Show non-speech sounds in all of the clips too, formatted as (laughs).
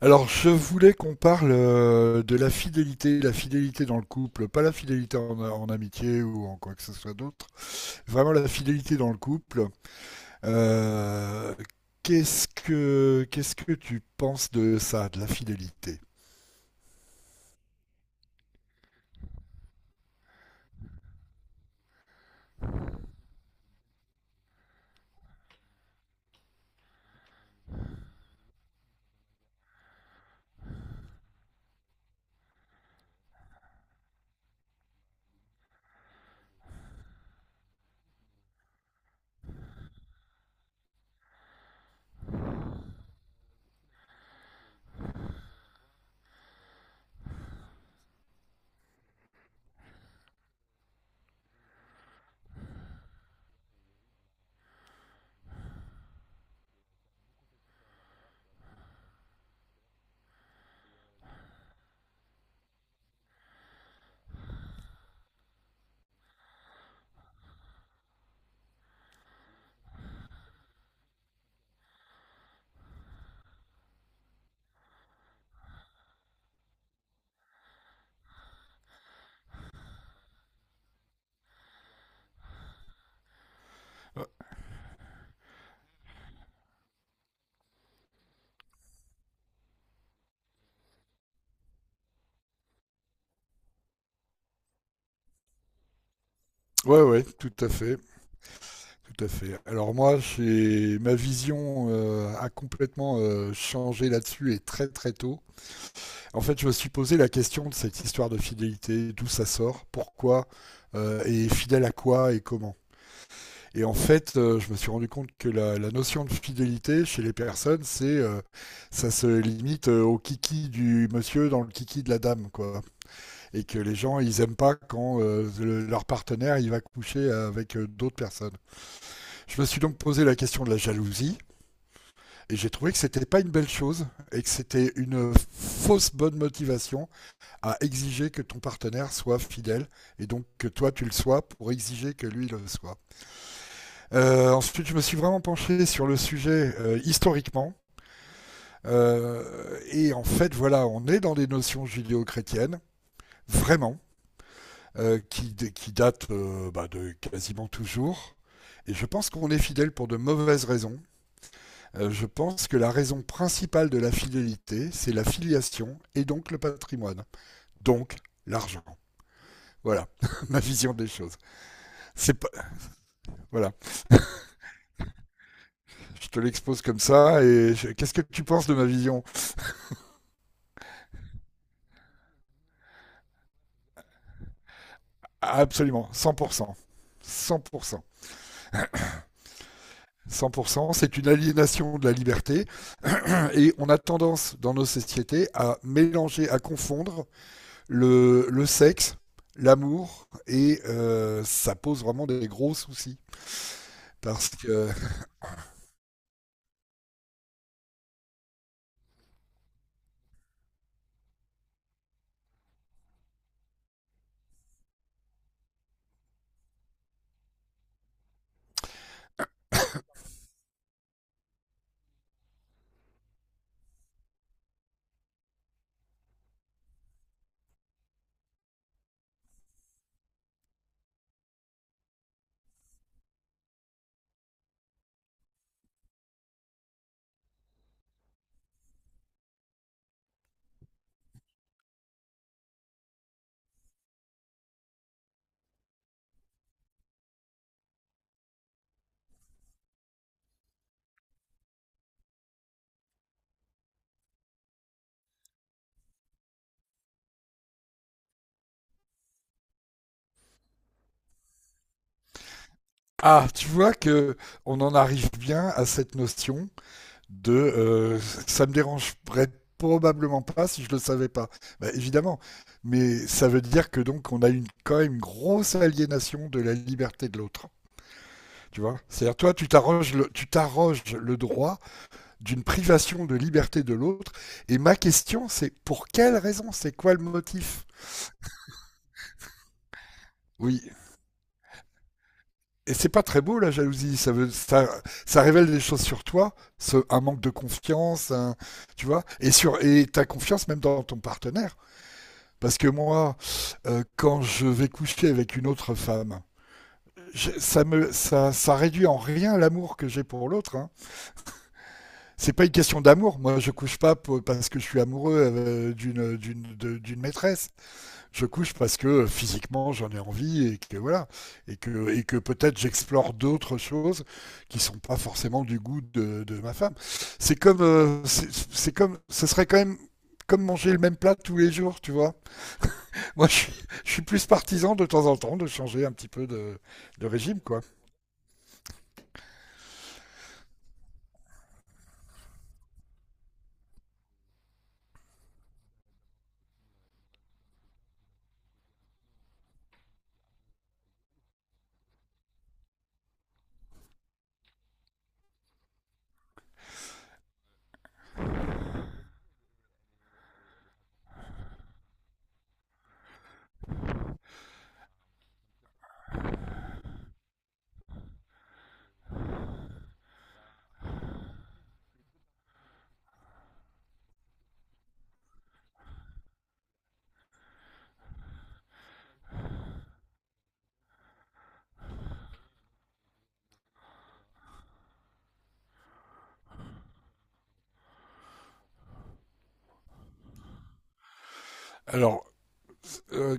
Alors, je voulais qu'on parle de la fidélité dans le couple, pas la fidélité en amitié ou en quoi que ce soit d'autre, vraiment la fidélité dans le couple. Euh, qu'est-ce que tu penses de ça, de la fidélité? Ouais, ouais, tout à fait, tout à fait. Alors moi, j'ai ma vision a complètement changé là-dessus et très très tôt. En fait, je me suis posé la question de cette histoire de fidélité, d'où ça sort, pourquoi, et fidèle à quoi et comment. Et en fait, je me suis rendu compte que la notion de fidélité chez les personnes, c'est ça se limite au kiki du monsieur dans le kiki de la dame, quoi. Et que les gens, ils aiment pas quand leur partenaire, il va coucher avec d'autres personnes. Je me suis donc posé la question de la jalousie et j'ai trouvé que c'était pas une belle chose et que c'était une fausse bonne motivation à exiger que ton partenaire soit fidèle et donc que toi tu le sois pour exiger que lui le soit. Ensuite, je me suis vraiment penché sur le sujet historiquement. Et en fait, voilà, on est dans des notions judéo-chrétiennes, vraiment, qui datent bah, de quasiment toujours. Et je pense qu'on est fidèle pour de mauvaises raisons. Je pense que la raison principale de la fidélité, c'est la filiation et donc le patrimoine, donc l'argent. Voilà (laughs) ma vision des choses. C'est pas... Voilà, je te l'expose comme ça. Qu'est-ce que tu penses de ma vision? Absolument, 100%. 100%. 100%, c'est une aliénation de la liberté (clears throat) et on a tendance dans nos sociétés à mélanger, à confondre le sexe, l'amour et ça pose vraiment des gros soucis parce que ah, tu vois que on en arrive bien à cette notion de (laughs) ça me dérangerait probablement pas si je le savais pas. Bah, évidemment, mais ça veut dire que donc on a une quand même une grosse aliénation de la liberté de l'autre. Tu vois? C'est-à-dire toi tu t'arroges le droit d'une privation de liberté de l'autre, et ma question, c'est pour quelle raison? C'est quoi le motif? Oui. Et c'est pas très beau la jalousie, ça révèle des choses sur toi, un manque de confiance, un- tu vois, et sur et ta confiance même dans ton partenaire. Parce que moi, quand je vais coucher avec une autre femme, ça réduit en rien l'amour que j'ai pour l'autre, hein. C'est pas une question d'amour. Moi, je couche pas pour- parce que je suis amoureux d'une maîtresse. Je couche parce que physiquement j'en ai envie et que voilà et que peut-être j'explore d'autres choses qui sont pas forcément du goût de ma femme. C'est comme c'est comme ce serait quand même comme manger le même plat tous les jours, tu vois. Moi, je suis, je suis plus partisan de temps en temps de changer un petit peu de régime, quoi. Alors, euh,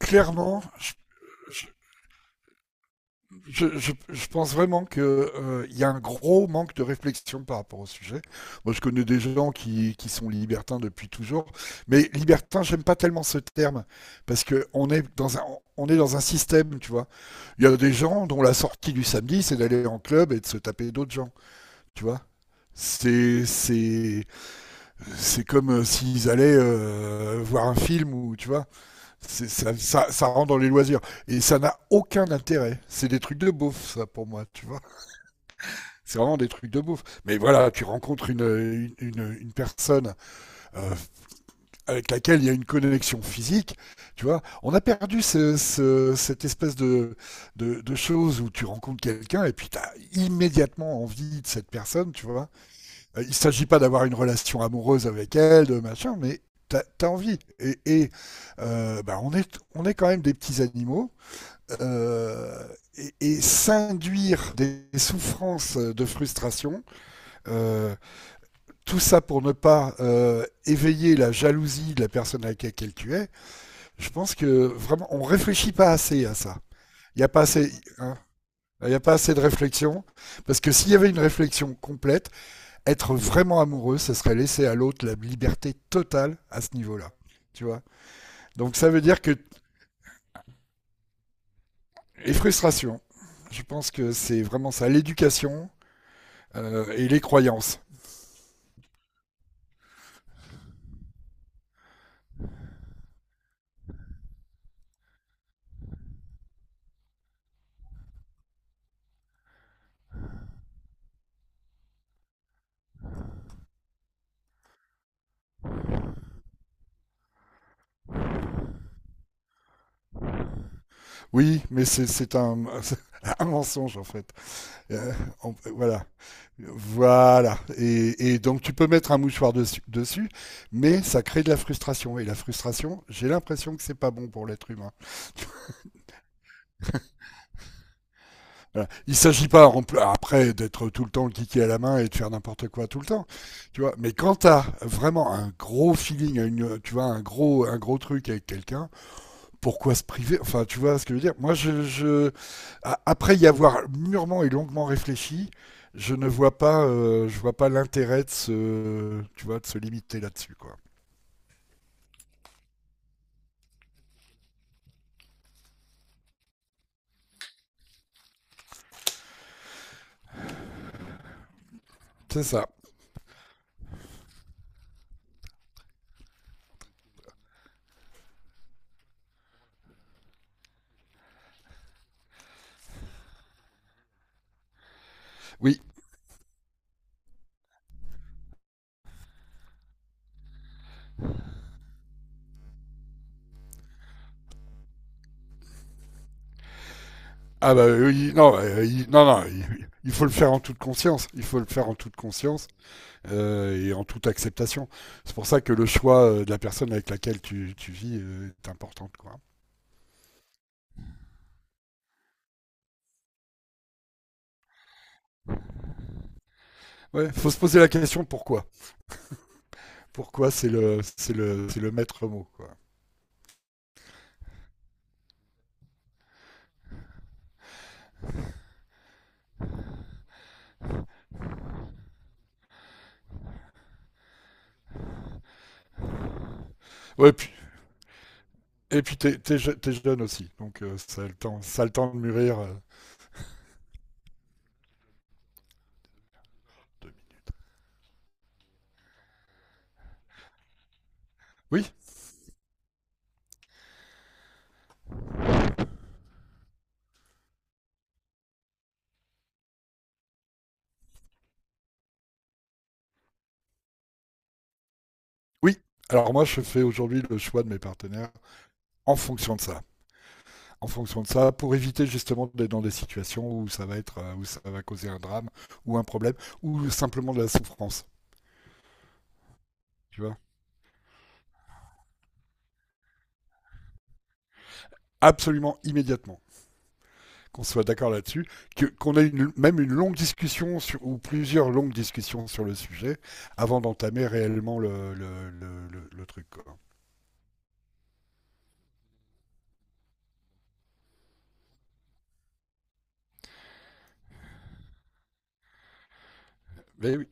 clairement, je pense vraiment qu'il il y a un gros manque de réflexion par rapport au sujet. Moi, je connais des gens qui sont libertins depuis toujours, mais libertin, j'aime pas tellement ce terme parce que on est dans un système, tu vois. Il y a des gens dont la sortie du samedi, c'est d'aller en club et de se taper d'autres gens, tu vois. C'est c'est c'est comme s'ils allaient voir un film ou tu vois, ça rentre dans les loisirs et ça n'a aucun intérêt. C'est des trucs de beauf ça pour moi, tu vois. C'est vraiment des trucs de beauf. Mais voilà, tu rencontres une personne euh, avec laquelle il y a une connexion physique, tu vois. On a perdu cette espèce de choses où tu rencontres quelqu'un et puis t'as immédiatement envie de cette personne, tu vois. Il ne s'agit pas d'avoir une relation amoureuse avec elle, de machin, mais envie. Et on est quand même des petits animaux. Euh, et s'induire des souffrances de frustration, euh, tout ça pour ne pas éveiller la jalousie de la personne avec laquelle tu es, je pense que vraiment on réfléchit pas assez à ça. Il n'y a pas assez, hein, il n'y a pas assez de réflexion, parce que s'il y avait une réflexion complète, être vraiment amoureux, ce serait laisser à l'autre la liberté totale à ce niveau-là. Tu vois? Donc ça veut dire que les frustrations, je pense que c'est vraiment ça, l'éducation et les croyances. Oui, mais (laughs) un mensonge en fait. Euh, voilà. Voilà. Et donc tu peux mettre un mouchoir dessus, mais ça crée de la frustration. Et la frustration, j'ai l'impression que c'est pas bon pour l'être humain. Voilà. Il ne s'agit pas après d'être tout le temps le kiki à la main et de faire n'importe quoi tout le temps, tu vois. Mais quand t'as vraiment un gros feeling, une, tu vois, un gros truc avec quelqu'un, pourquoi se priver? Enfin, tu vois ce que je veux dire? Moi, je- a- après y avoir mûrement et longuement réfléchi, je vois pas l'intérêt de se, tu vois, de se limiter là-dessus, quoi. C'est ça. Oui. Ah bah oui, non, non, il faut le faire en toute conscience. Il faut le faire en toute conscience. Et en toute acceptation. C'est pour ça que le choix de la personne avec laquelle tu vis est important. Quoi. Ouais, faut se poser la question pourquoi. Pourquoi c'est le c'est le c'est le maître mot. Quoi. Ouais, puis, et puis t'es jeune aussi, donc ça a le temps, ça a le temps de mûrir. De- Oui, oui. Alors moi je fais aujourd'hui le choix de mes partenaires en fonction de ça. En fonction de ça, pour éviter justement d'être dans des situations où ça va être où ça va causer un drame ou un problème ou simplement de la souffrance. Tu vois. Absolument immédiatement. Qu'on soit d'accord là-dessus, que, qu'on ait une- même une longue discussion sur, ou plusieurs longues discussions sur le sujet avant d'entamer réellement le truc. Quoi. Mais oui,